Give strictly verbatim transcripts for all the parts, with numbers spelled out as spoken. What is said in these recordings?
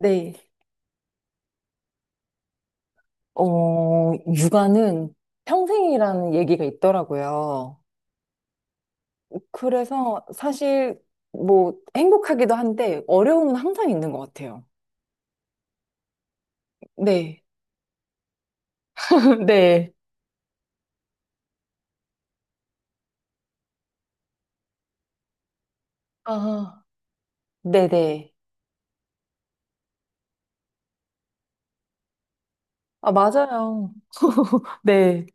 네. 어, 육아는 평생이라는 얘기가 있더라고요. 그래서 사실 뭐 행복하기도 한데 어려움은 항상 있는 것 같아요. 네. 네. 아, 네네. 아, 맞아요. 네.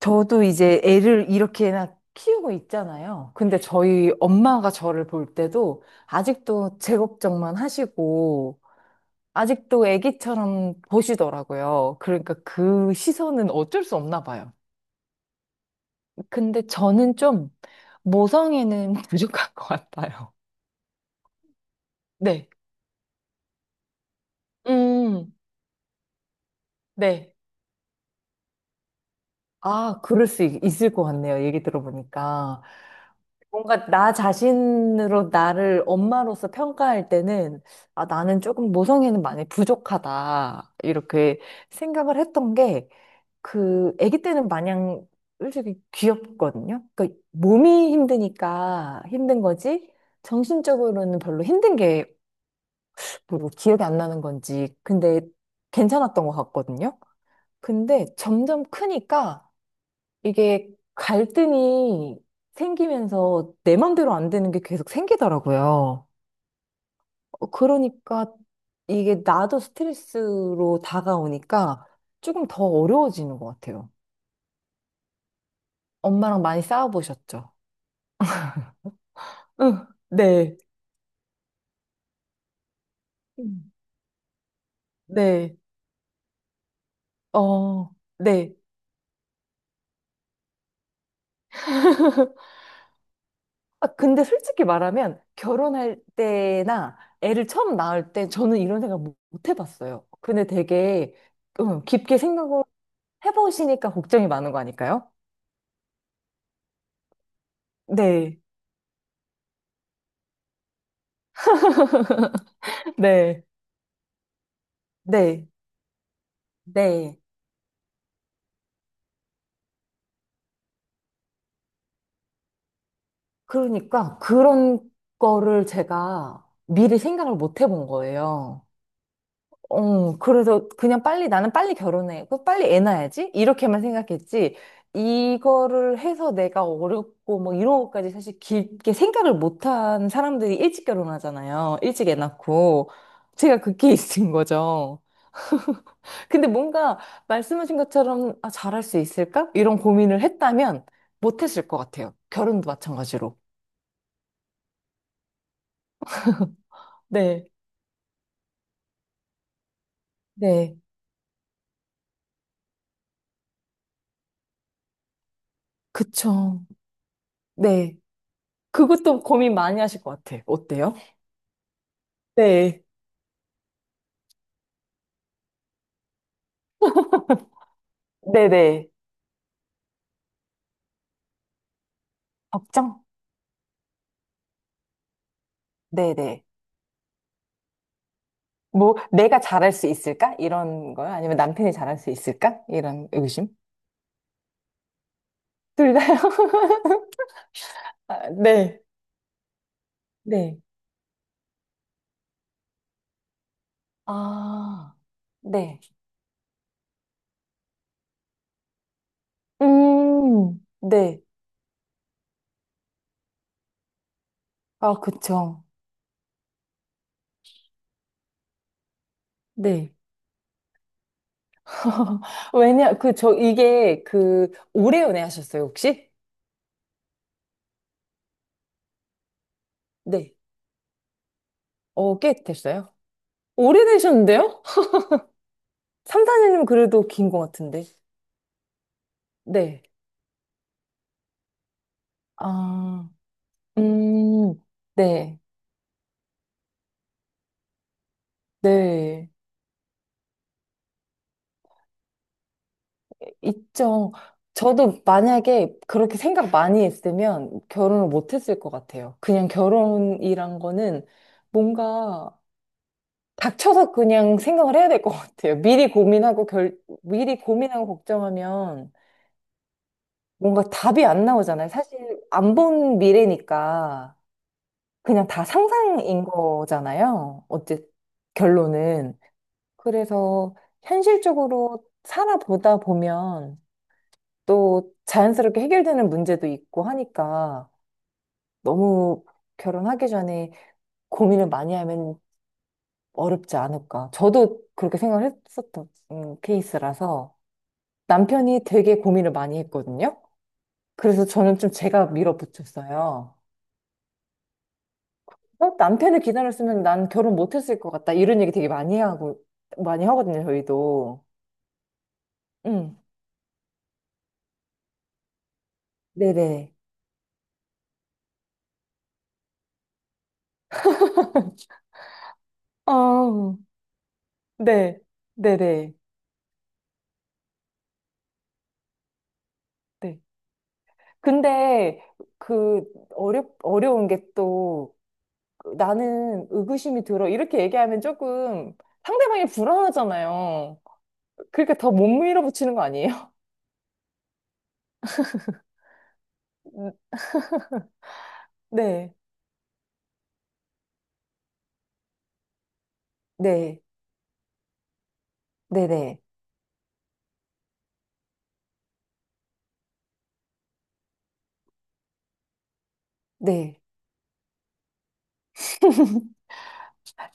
저도 이제 애를 이렇게나 키우고 있잖아요. 근데 저희 엄마가 저를 볼 때도 아직도 제 걱정만 하시고, 아직도 애기처럼 보시더라고요. 그러니까 그 시선은 어쩔 수 없나 봐요. 근데 저는 좀 모성애는 부족한 것 같아요. 네. 음, 네. 아, 그럴 수 있- 있을 것 같네요. 얘기 들어보니까. 뭔가 나 자신으로 나를 엄마로서 평가할 때는, 아, 나는 조금 모성애는 많이 부족하다. 이렇게 생각을 했던 게, 그 아기 때는 마냥 솔직히 귀엽거든요. 그러니까 몸이 힘드니까 힘든 거지 정신적으로는 별로 힘든 게 뭐 기억이 안 나는 건지 근데 괜찮았던 것 같거든요. 근데 점점 크니까 이게 갈등이 생기면서 내 맘대로 안 되는 게 계속 생기더라고요. 어, 그러니까 이게 나도 스트레스로 다가오니까 조금 더 어려워지는 것 같아요. 엄마랑 많이 싸워보셨죠? 응, 네, 음. 네, 어, 네. 아, 근데 솔직히 말하면 결혼할 때나 애를 처음 낳을 때 저는 이런 생각 못, 못 해봤어요. 근데 되게 응, 깊게 생각을 해보시니까 걱정이 많은 거 아닐까요? 네, 네, 네, 네. 그러니까 그런 거를 제가 미리 생각을 못 해본 거예요. 어, 그래서 그냥 빨리 나는 빨리 결혼해. 그 빨리 애 낳아야지. 이렇게만 생각했지. 이거를 해서 내가 어렵고 뭐 이런 것까지 사실 깊게 생각을 못한 사람들이 일찍 결혼하잖아요. 일찍 애 낳고. 제가 그 케이스인 거죠. 근데 뭔가 말씀하신 것처럼 아, 잘할 수 있을까? 이런 고민을 했다면 못했을 것 같아요. 결혼도 마찬가지로. 네. 네. 그쵸. 네. 그것도 고민 많이 하실 것 같아. 어때요? 네. 네네. 걱정? 네네. 뭐, 내가 잘할 수 있을까? 이런 거요? 아니면 남편이 잘할 수 있을까? 이런 의심? 둘 다요? 아, 네. 네. 아, 네. 음, 네. 아, 그쵸. 네. 왜냐, 그, 저, 이게, 그, 오래 연애하셨어요, 혹시? 네. 어, 꽤 됐어요? 오래되셨는데요? 삼, 사 년이면 그래도 긴 것 같은데. 네. 아, 음, 네. 네. 있죠. 저도 만약에 그렇게 생각 많이 했으면 결혼을 못 했을 것 같아요. 그냥 결혼이란 거는 뭔가 닥쳐서 그냥 생각을 해야 될 것 같아요. 미리 고민하고 결, 미리 고민하고 걱정하면 뭔가 답이 안 나오잖아요. 사실 안 본 미래니까 그냥 다 상상인 거잖아요. 어째 결론은. 그래서 현실적으로 살아보다 보면 또 자연스럽게 해결되는 문제도 있고 하니까 너무 결혼하기 전에 고민을 많이 하면 어렵지 않을까. 저도 그렇게 생각을 했었던 음, 케이스라서 남편이 되게 고민을 많이 했거든요. 그래서 저는 좀 제가 밀어붙였어요. 어, 남편을 기다렸으면 난 결혼 못했을 것 같다. 이런 얘기 되게 많이 하고, 많이 하거든요, 저희도. 응. 네네. 어, 네. 네네. 네. 근데 그 어려 어려운 게 또 나는 의구심이 들어 이렇게 얘기하면 조금 상대방이 불안하잖아요. 그러니까 더 못 밀어붙이는 거 아니에요? 네, 네, 네, 네, 네.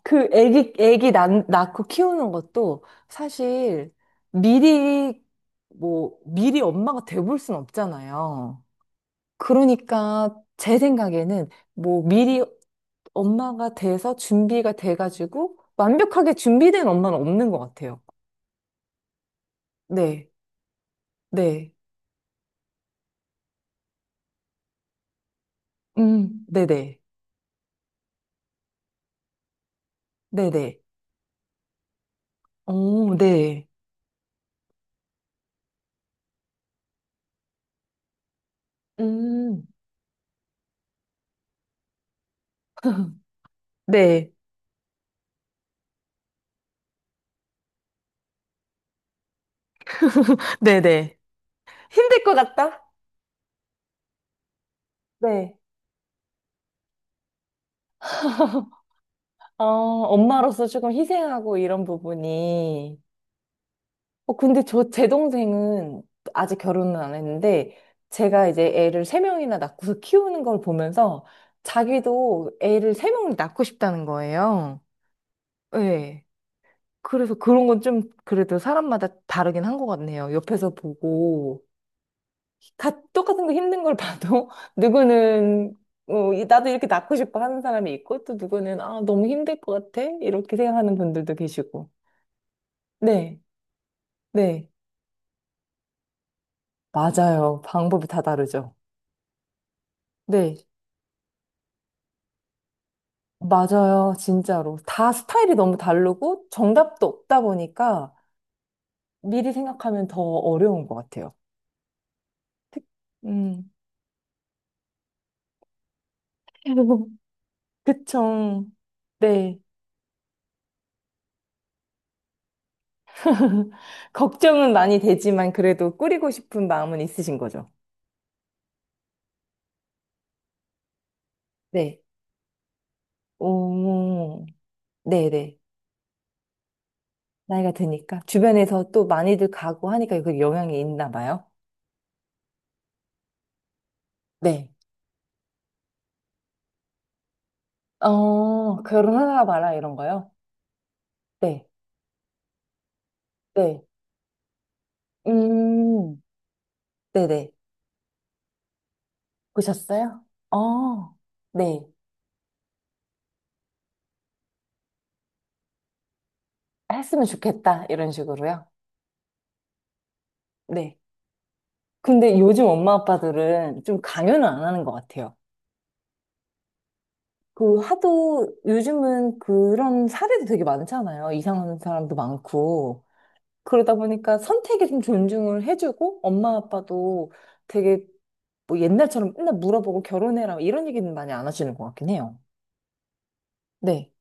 그 애기 애기 낳, 낳고 키우는 것도 사실 미리 뭐 미리 엄마가 돼볼 순 없잖아요. 그러니까 제 생각에는 뭐 미리 엄마가 돼서 준비가 돼가지고 완벽하게 준비된 엄마는 없는 것 같아요. 네, 네, 음, 네네, 네네, 오, 네, 음, 네, 네네. 힘들 것 같다? 네. 어, 엄마로서 조금 희생하고 이런 부분이. 어, 근데 저, 제 동생은 아직 결혼은 안 했는데, 제가 이제 애를 세 명이나 낳고서 키우는 걸 보면서 자기도 애를 세 명을 낳고 싶다는 거예요. 네. 그래서 그런 건 좀 그래도 사람마다 다르긴 한 것 같네요. 옆에서 보고 다 똑같은 거 힘든 걸 봐도 누구는 어, 이- 나도 이렇게 낳고 싶어 하는 사람이 있고 또 누구는 아 너무 힘들 것 같아 이렇게 생각하는 분들도 계시고. 네, 네, 맞아요. 방법이 다 다르죠. 네, 맞아요. 진짜로 다 스타일이 너무 다르고 정답도 없다 보니까 미리 생각하면 더 어려운 것 같아요. 특- 음, 그쵸. 네. 걱정은 많이 되지만 그래도 꾸리고 싶은 마음은 있으신 거죠? 네, 오, 네, 네, 나이가 드니까. 주변에서 또 많이들 가고 하니까 그 영향이 있나 봐요. 네. 어, 결혼하나 봐라, 이런 거요? 네. 네. 음, 네네. 보셨어요? 어. 네. 했으면 좋겠다, 이런 식으로요? 네. 근데 요즘 엄마 아빠들은 좀 강요는 안 하는 것 같아요. 그 하도 요즘은 그런 사례도 되게 많잖아요. 이상한 사람도 많고. 그러다 보니까 선택에 좀 존중을 해주고 엄마 아빠도 되게 뭐 옛날처럼 맨날 물어보고 결혼해라 이런 얘기는 많이 안 하시는 것 같긴 해요. 네.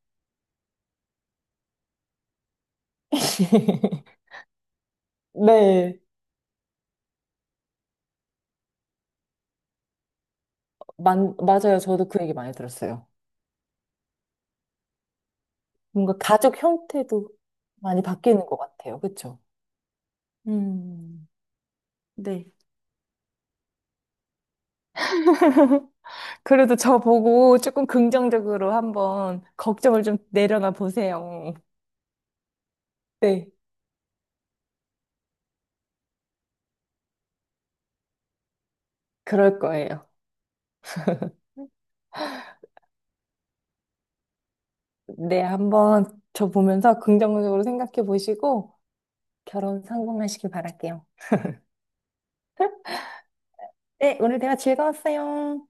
네. 만, 맞아요. 저도 그 얘기 많이 들었어요. 뭔가 가족 형태도 많이 바뀌는 것 같아요. 그쵸? 음, 네. 그래도 저 보고 조금 긍정적으로 한번 걱정을 좀 내려놔 보세요. 네, 그럴 거예요. 네, 한번 저 보면서 긍정적으로 생각해 보시고 결혼 성공하시길 바랄게요. 네, 오늘 대화 즐거웠어요.